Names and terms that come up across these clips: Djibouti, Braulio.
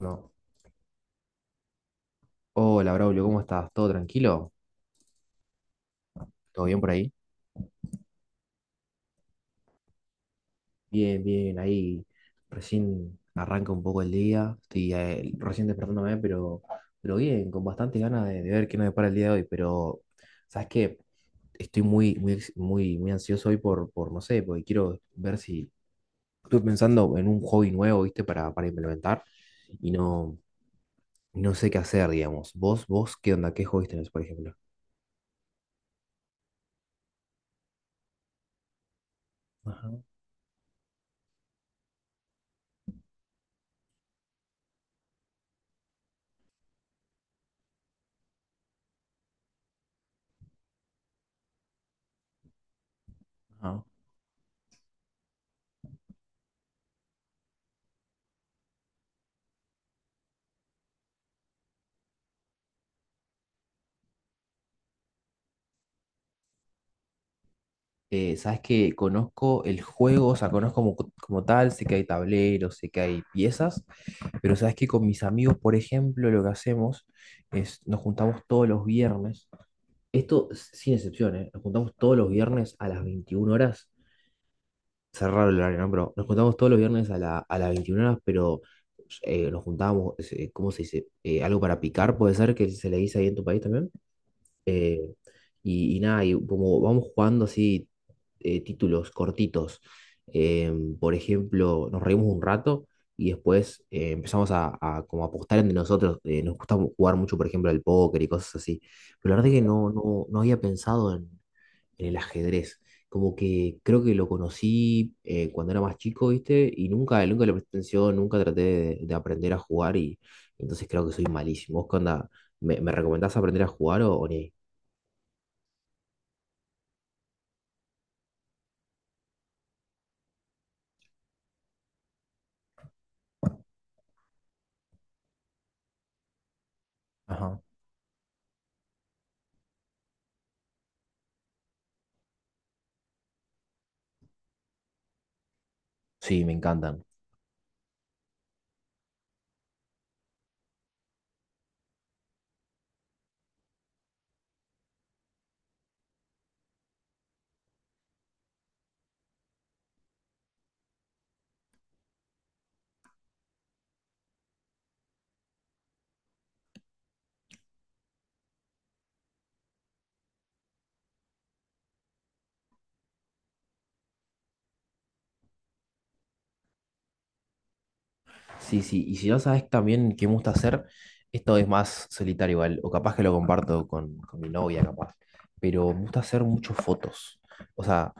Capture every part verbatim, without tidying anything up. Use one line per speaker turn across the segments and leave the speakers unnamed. No. Hola, Braulio, ¿cómo estás? ¿Todo tranquilo? ¿Todo bien por ahí? Bien, bien, ahí recién arranca un poco el día, estoy eh, recién despertándome, pero, pero bien, con bastantes ganas de, de ver qué nos depara el día de hoy, pero ¿sabes qué? Estoy muy, muy, ex- muy, muy ansioso hoy por, por, no sé, porque quiero ver si estoy pensando en un hobby nuevo, ¿viste? Para, para implementar y no, no sé qué hacer, digamos. ¿Vos, vos qué onda? ¿Qué hobbies tenés, por ejemplo? Ajá, ajá. Eh, sabes que conozco el juego, o sea, conozco como, como tal, sé que hay tableros, sé que hay piezas, pero sabes que con mis amigos, por ejemplo, lo que hacemos es nos juntamos todos los viernes, esto s- sin excepción, ¿eh? Nos juntamos todos los viernes a las veintiuna horas, cerrar el horario, ¿no? Pero nos juntamos todos los viernes a, la, a las veintiuna horas, pero eh, nos juntamos, eh, ¿cómo se dice? Eh, algo para picar, puede ser que se le dice ahí en tu país también. Eh, y, y nada, y como vamos jugando así eh, títulos cortitos, eh, por ejemplo, nos reímos un rato y después eh, empezamos a, a como apostar entre nosotros. Eh, nos gusta mu- jugar mucho, por ejemplo, al póker y cosas así. Pero la verdad que no, no, no había pensado en, en el ajedrez. Como que creo que lo conocí eh, cuando era más chico, ¿viste? Y nunca, nunca le presté atención, nunca traté de, de aprender a jugar y entonces creo que soy malísimo. ¿Vos qué onda? ¿Me, me recomendás aprender a jugar o, o ni ahí? Ajá. Sí, me encantan. Sí, sí. Y si no sabes también qué me gusta hacer, esto es más solitario igual, o capaz que lo comparto con, con mi novia, capaz. Pero me gusta hacer muchas fotos. O sea,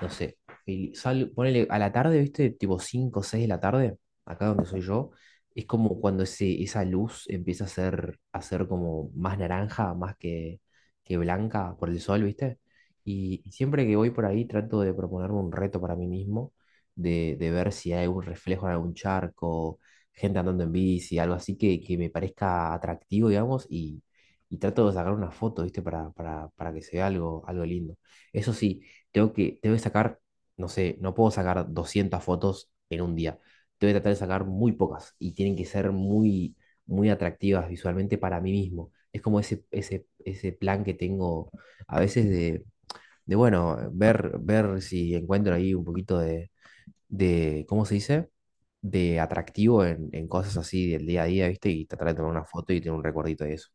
no sé, el- sal- ponele a la tarde, ¿viste? Tipo cinco o seis de la tarde, acá donde soy yo, es como cuando ese, esa luz empieza a ser, a ser como más naranja, más que, que blanca por el sol, ¿viste? Y, y siempre que voy por ahí trato de proponerme un reto para mí mismo, de, de ver si hay un reflejo en algún charco, gente andando en bici, algo así que, que me parezca atractivo, digamos, y, y trato de sacar una foto, ¿viste? Para, para, para que se vea algo, algo lindo. Eso sí tengo que, tengo que sacar, no sé, no puedo sacar doscientas fotos en un día. Tengo que tratar de sacar muy pocas y tienen que ser muy, muy atractivas visualmente para mí mismo. Es como ese, ese, ese plan que tengo a veces de, de, bueno, ver, ver si encuentro ahí un poquito de, de ¿cómo se dice? De atractivo en, en cosas así del día a día, ¿viste? Y tratar de tomar una foto y tener un recuerdito de eso.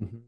Ujú.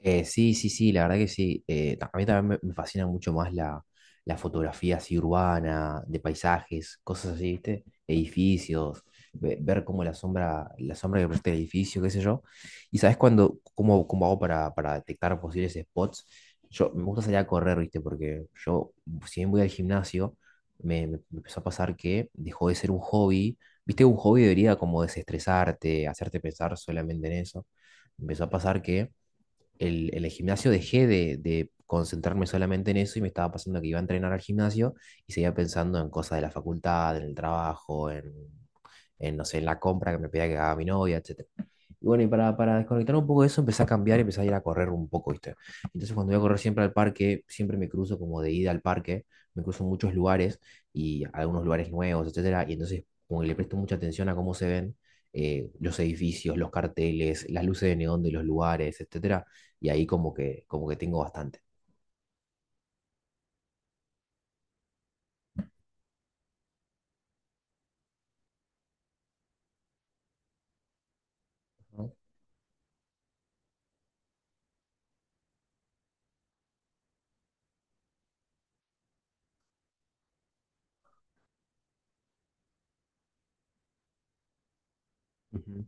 Eh, sí, sí, sí, la verdad que sí. Eh, ta- a mí también me, me fascina mucho más la, la fotografía así urbana, de paisajes, cosas así, ¿viste? Edificios, ve- ver cómo la sombra, la sombra que proyecta el edificio, qué sé yo. Y sabes cuándo, cómo, cómo hago para, para detectar posibles spots? Yo me gusta salir a correr, ¿viste? Porque yo, si bien voy al gimnasio, me, me- me empezó a pasar que dejó de ser un hobby. ¿Viste? Un hobby debería como desestresarte, hacerte pensar solamente en eso. Me empezó a pasar que el, en el gimnasio dejé de, de concentrarme solamente en eso y me estaba pasando que iba a entrenar al gimnasio y seguía pensando en cosas de la facultad, en el trabajo, en, en, no sé, en la compra que me pedía que haga mi novia, etcétera. Y bueno, y para, para desconectar un poco de eso, empecé a cambiar y empecé a ir a correr un poco, ¿viste? Entonces, cuando voy a correr siempre al parque, siempre me cruzo como de ida al parque, me cruzo en muchos lugares y algunos lugares nuevos, etcétera. Y entonces, como que le presto mucha atención a cómo se ven eh, los edificios, los carteles, las luces de neón de los lugares, etcétera. Y ahí como que, como que tengo bastante. ¿No? Ujú.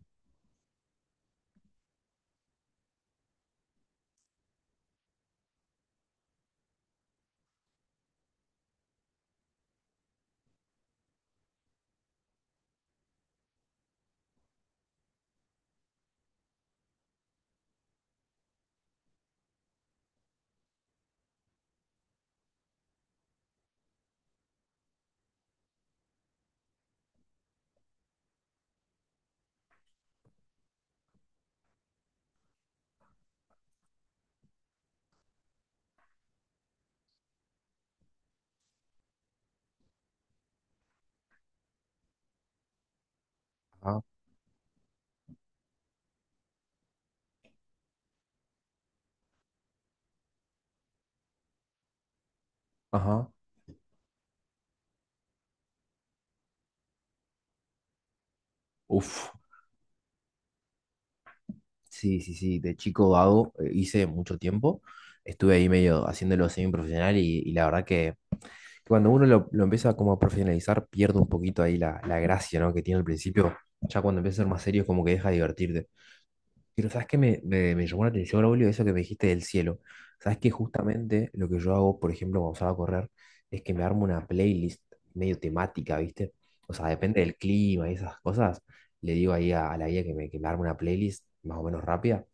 Ajá, ajá. Uf. Sí, sí, sí. De chico hago, eh, hice mucho tiempo. Estuve ahí medio haciéndolo semi profesional y, y la verdad que cuando uno lo, lo empieza como a profesionalizar, pierde un poquito ahí la, la gracia, ¿no? Que tiene al principio. Ya cuando empieza a ser más serio, como que deja de divertirte. Pero sabes que me, me, me llamó la atención, Braulio, eso que me dijiste del cielo. Sabes que justamente lo que yo hago, por ejemplo, cuando salgo a correr, es que me armo una playlist medio temática, ¿viste? O sea, depende del clima y esas cosas. Le digo ahí a, a la guía que me, que me arme una playlist más o menos rápida.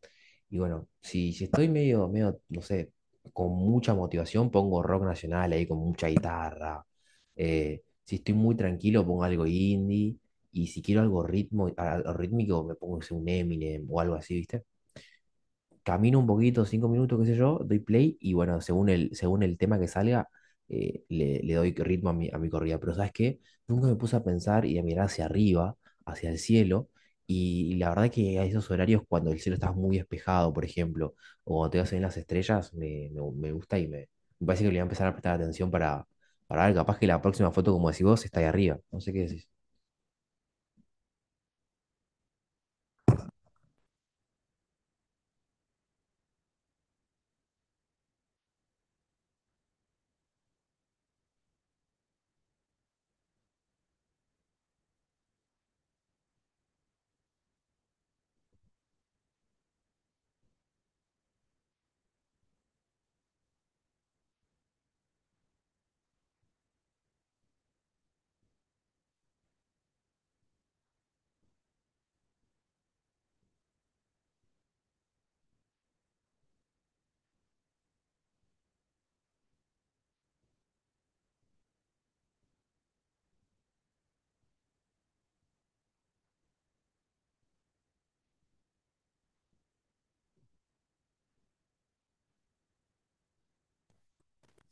Y bueno, si, si estoy medio, medio, no sé, con mucha motivación, pongo rock nacional ahí con mucha guitarra. Eh, si estoy muy tranquilo, pongo algo indie. Y si quiero algo ritmo, algo rítmico, me pongo no sé, un Eminem o algo así, ¿viste? Camino un poquito, cinco minutos, qué sé yo, doy play y bueno, según el, según el tema que salga, eh, le, le doy ritmo a mi, a mi corrida. Pero ¿sabes qué? Nunca me puse a pensar y a mirar hacia arriba, hacia el cielo. Y la verdad que a esos horarios, cuando el cielo está muy despejado, por ejemplo, o cuando te vas a ver las estrellas, me, me, me gusta y me, me parece que le voy a empezar a prestar atención para, para ver, capaz que la próxima foto, como decís vos, está ahí arriba. No sé qué decís.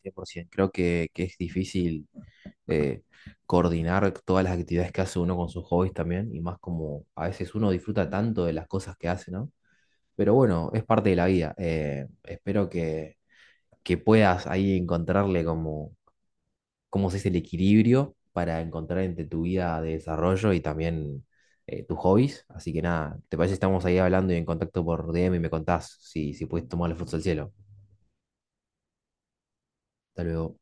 cien por ciento. Creo que, que es difícil eh, coordinar todas las actividades que hace uno con sus hobbies también, y más como a veces uno disfruta tanto de las cosas que hace, ¿no? Pero bueno, es parte de la vida. Eh, espero que, que puedas ahí encontrarle como, cómo se dice, el equilibrio para encontrar entre tu vida de desarrollo y también eh, tus hobbies. Así que nada, ¿te parece? Estamos ahí hablando y en contacto por D M y me contás si, si puedes tomar el fruto del cielo. Hasta luego.